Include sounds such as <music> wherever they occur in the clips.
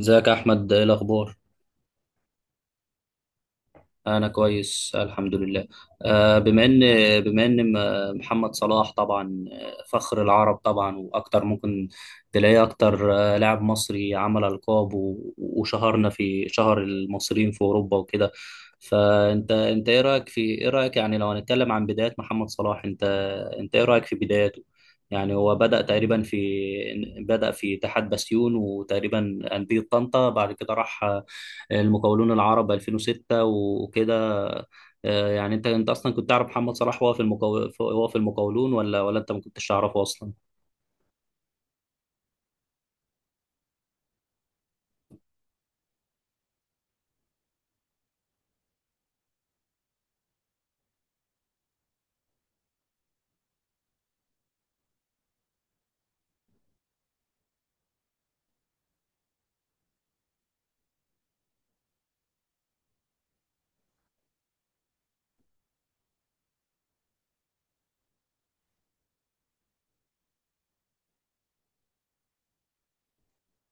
ازيك يا احمد، ايه الاخبار؟ انا كويس الحمد لله. آه، بما ان محمد صلاح طبعا، فخر العرب طبعا، واكتر ممكن تلاقيه اكتر. لاعب مصري عمل القاب وشهرنا في شهر المصريين في اوروبا وكده. فانت ايه رايك في ايه رايك يعني، لو هنتكلم عن بدايات محمد صلاح، انت ايه رايك في بداياته؟ يعني هو بدأ تقريبا في، بدأ في اتحاد بسيون وتقريبا أندية طنطا، بعد كده راح المقاولون العرب 2006 وكده. يعني انت اصلا كنت تعرف محمد صلاح وهو في المقاول، وهو في المقاولون، ولا انت ما كنتش تعرفه اصلا؟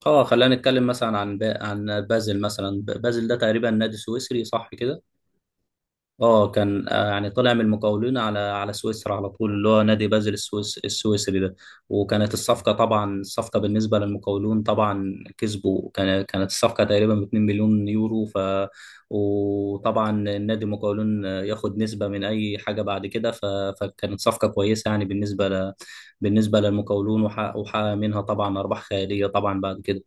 اه، خلينا نتكلم مثلا عن بازل مثلا. بازل ده تقريبا نادي سويسري، صح كده؟ اه، كان يعني طلع من المقاولين على سويسرا على طول، اللي هو نادي بازل السويسري ده. وكانت الصفقه، طبعا الصفقه بالنسبه للمقاولون طبعا كسبوا، كانت الصفقه تقريبا ب 2 مليون يورو. وطبعا النادي المقاولون ياخد نسبه من اي حاجه بعد كده. فكانت صفقه كويسه يعني بالنسبه بالنسبه للمقاولون، وحقق منها طبعا ارباح خياليه طبعا بعد كده.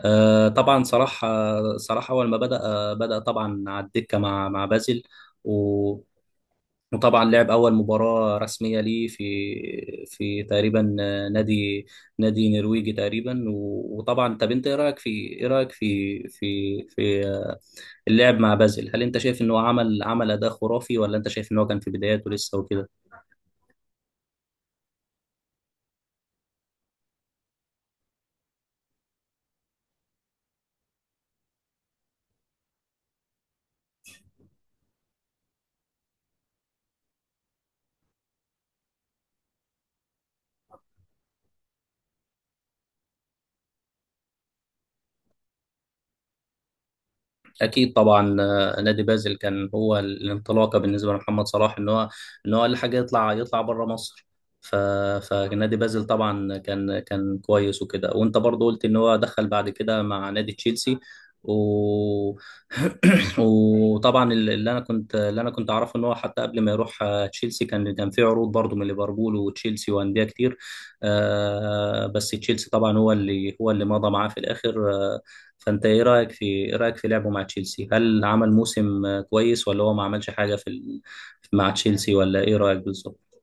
طبعا صلاح اول ما بدا طبعا على الدكه مع بازل. و... وطبعا لعب أول مباراة رسمية ليه في تقريبا نادي نادي نرويجي تقريبا. وطبعا طب أنت إيه رأيك في اللعب مع بازل؟ هل أنت شايف إن هو عمل أداء خرافي، ولا أنت شايف إن هو كان في بداياته لسه وكده؟ اكيد طبعا. نادي بازل كان هو الانطلاقه بالنسبه لمحمد صلاح، ان هو اقل حاجه يطلع بره مصر. ف فنادي بازل طبعا كان كويس وكده. وانت برضو قلت ان هو دخل بعد كده مع نادي تشيلسي و... <coughs> <clears throat> وطبعا اللي انا كنت اعرفه ان هو حتى قبل ما يروح تشيلسي، كان في عروض برضو من ليفربول وتشيلسي وانديه كتير. بس تشيلسي طبعا هو اللي مضى معاه في الاخر. فانت ايه رايك في لعبه مع تشيلسي؟ هل عمل موسم كويس، ولا هو ما عملش حاجه في مع تشيلسي؟ ولا ايه رايك بالظبط؟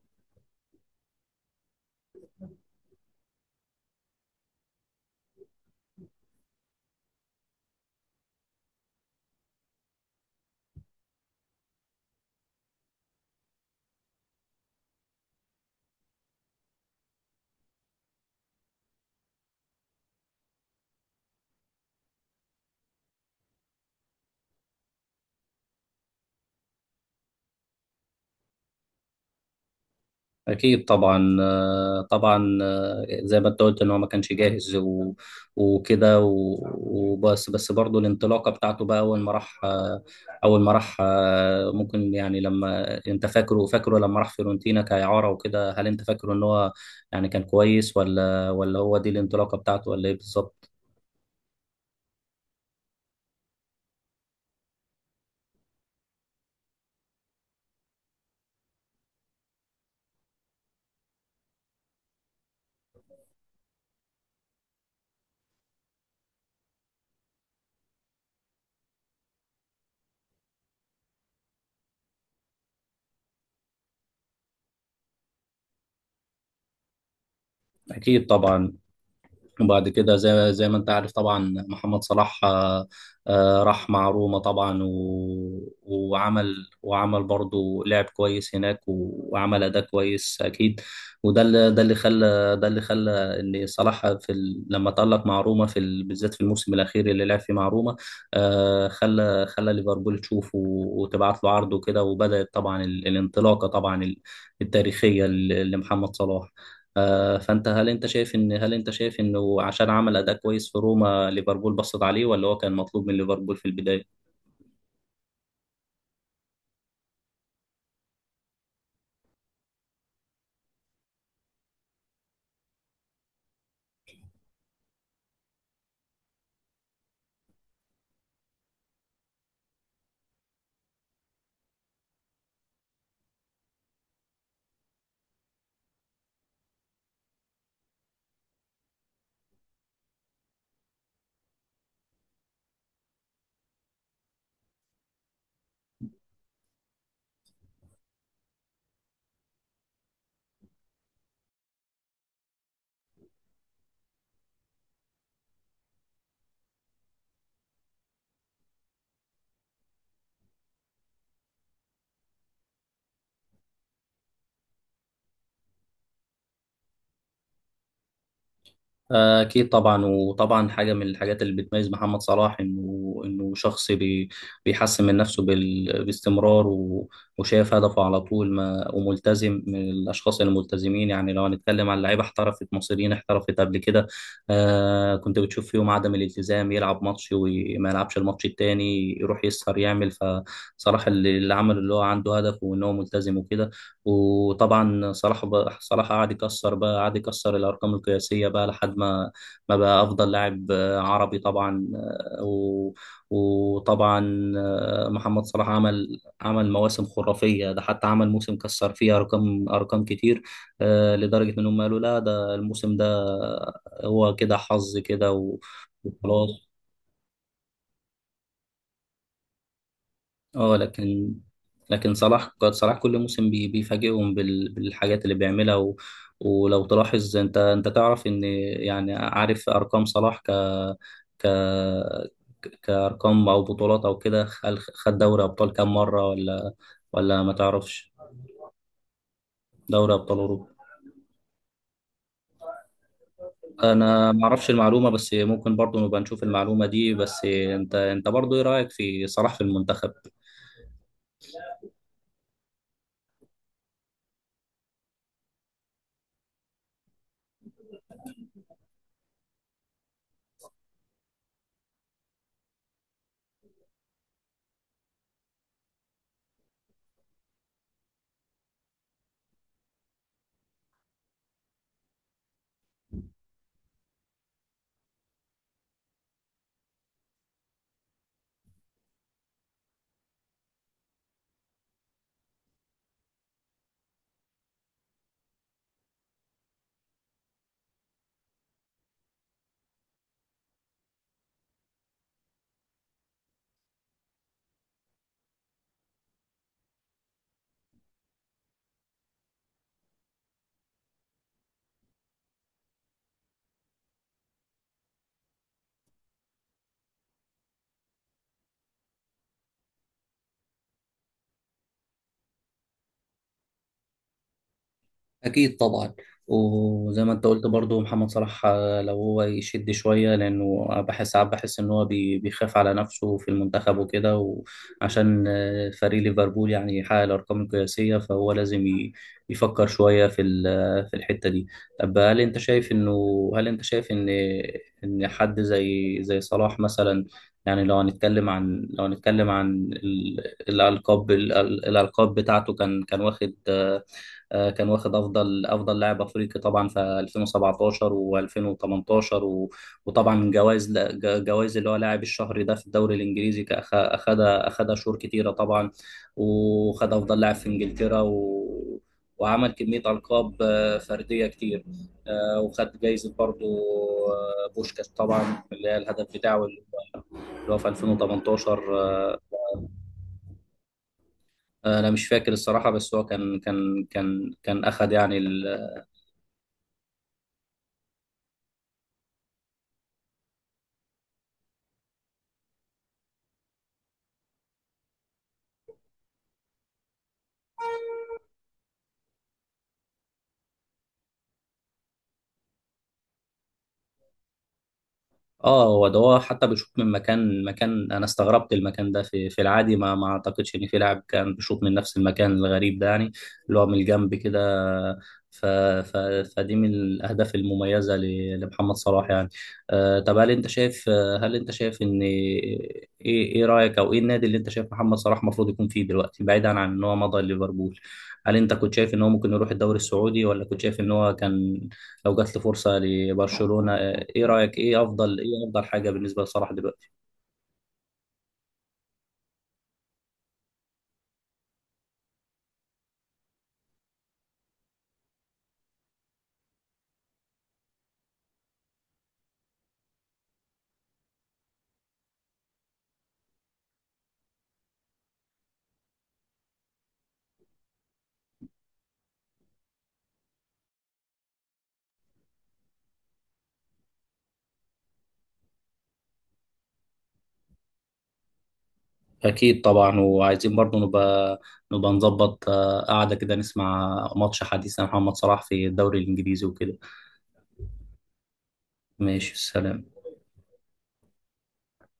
اكيد طبعا. زي ما انت قلت ان هو ما كانش جاهز وكده وبس برضه الانطلاقه بتاعته بقى اول ما راح آه، ممكن يعني، لما انت فاكره فاكره لما راح فيورنتينا كاعاره وكده، هل انت فاكره ان هو يعني كان كويس، ولا هو دي الانطلاقه بتاعته ولا ايه بالظبط؟ اكيد طبعا. وبعد كده، زي ما انت عارف طبعا، محمد صلاح راح مع روما طبعا وعمل برضه لعب كويس هناك، وعمل اداء كويس اكيد. وده اللي ده اللي خلى ده اللي خلى ان صلاح في لما تألق مع روما في بالذات في الموسم الاخير اللي لعب فيه مع روما. خلى ليفربول تشوفه وتبعت له عرض وكده. وبدأت طبعا الانطلاقه طبعا التاريخيه لمحمد صلاح. فانت هل انت شايف ان هل انت شايف انه عشان عمل اداء كويس في روما، ليفربول بصت عليه، ولا هو كان مطلوب من ليفربول في البدايه؟ أكيد طبعا. وطبعا حاجة من الحاجات اللي بتميز محمد صلاح، إنه شخص بيحسن من نفسه باستمرار، وشايف هدفه على طول، ما وملتزم، من الأشخاص الملتزمين. يعني لو هنتكلم عن لعيبة احترفت مصريين احترفت قبل كده، كنت بتشوف فيهم عدم الالتزام، يلعب ماتش وما يلعبش الماتش التاني، يروح يسهر يعمل. فصلاح اللي هو عنده هدف وإن هو ملتزم وكده. وطبعا صلاح قعد يكسر بقى، قعد يكسر الارقام القياسيه، بقى لحد ما بقى افضل لاعب عربي طبعا. وطبعا محمد صلاح عمل مواسم خرافيه. ده حتى عمل موسم كسر فيه ارقام، كتير، لدرجه انهم قالوا لا، ده الموسم ده هو كده حظ كده. وخلاص. اه لكن، صلاح كل موسم بيفاجئهم بالحاجات اللي بيعملها. ولو تلاحظ، انت تعرف ان يعني عارف ارقام صلاح، ك ك كارقام او بطولات او كده، خد دوري ابطال كام مره، ولا ما تعرفش؟ دوري ابطال اوروبا. انا ما اعرفش المعلومه، بس ممكن برضو نبقى نشوف المعلومه دي. بس انت برضو ايه رايك في صلاح في المنتخب؟ أكيد طبعا. وزي ما أنت قلت برضو، محمد صلاح لو هو يشد شوية، لأنه بحس ساعات، بحس إن هو بيخاف على نفسه في المنتخب وكده. وعشان فريق ليفربول يعني يحقق الأرقام القياسية، فهو لازم يفكر شوية في في الحتة دي. طب هل أنت شايف إنه، هل أنت شايف إن حد زي صلاح مثلا، يعني لو هنتكلم عن الألقاب، الألقاب بتاعته، كان واخد كان واخد افضل لاعب افريقي طبعا في 2017 و2018، وطبعا جوائز، اللي هو لاعب الشهر ده في الدوري الانجليزي. اخدها شهور كتيره طبعا، وخد افضل لاعب في انجلترا، وعمل كميه القاب فرديه كتير. وخد جايزه برضو، بوشكاش طبعا، اللي هي الهدف بتاعه اللي هو في 2018. انا مش فاكر الصراحه، بس هو كان اخد يعني. اه هو ده. هو حتى بيشوط من مكان، انا استغربت المكان ده في العادي، ما اعتقدش ان في لاعب كان بيشوط من نفس المكان الغريب ده يعني، اللي هو من الجنب كده. ف ف فدي من الاهداف المميزه لمحمد صلاح يعني. طب هل انت شايف ان ايه رايك، او ايه النادي اللي انت شايف محمد صلاح المفروض يكون فيه دلوقتي، بعيدا عن ان هو مضى ليفربول؟ هل انت كنت شايف ان هو ممكن يروح الدوري السعودي، ولا كنت شايف ان هو كان لو جات له فرصه لبرشلونه؟ ايه رأيك، ايه افضل حاجة بالنسبة لصلاح دلوقتي؟ اكيد طبعا. وعايزين برضو نبقى نظبط قعدة كده، نسمع ماتش حديث عن محمد صلاح في الدوري الانجليزي وكده. ماشي، سلام.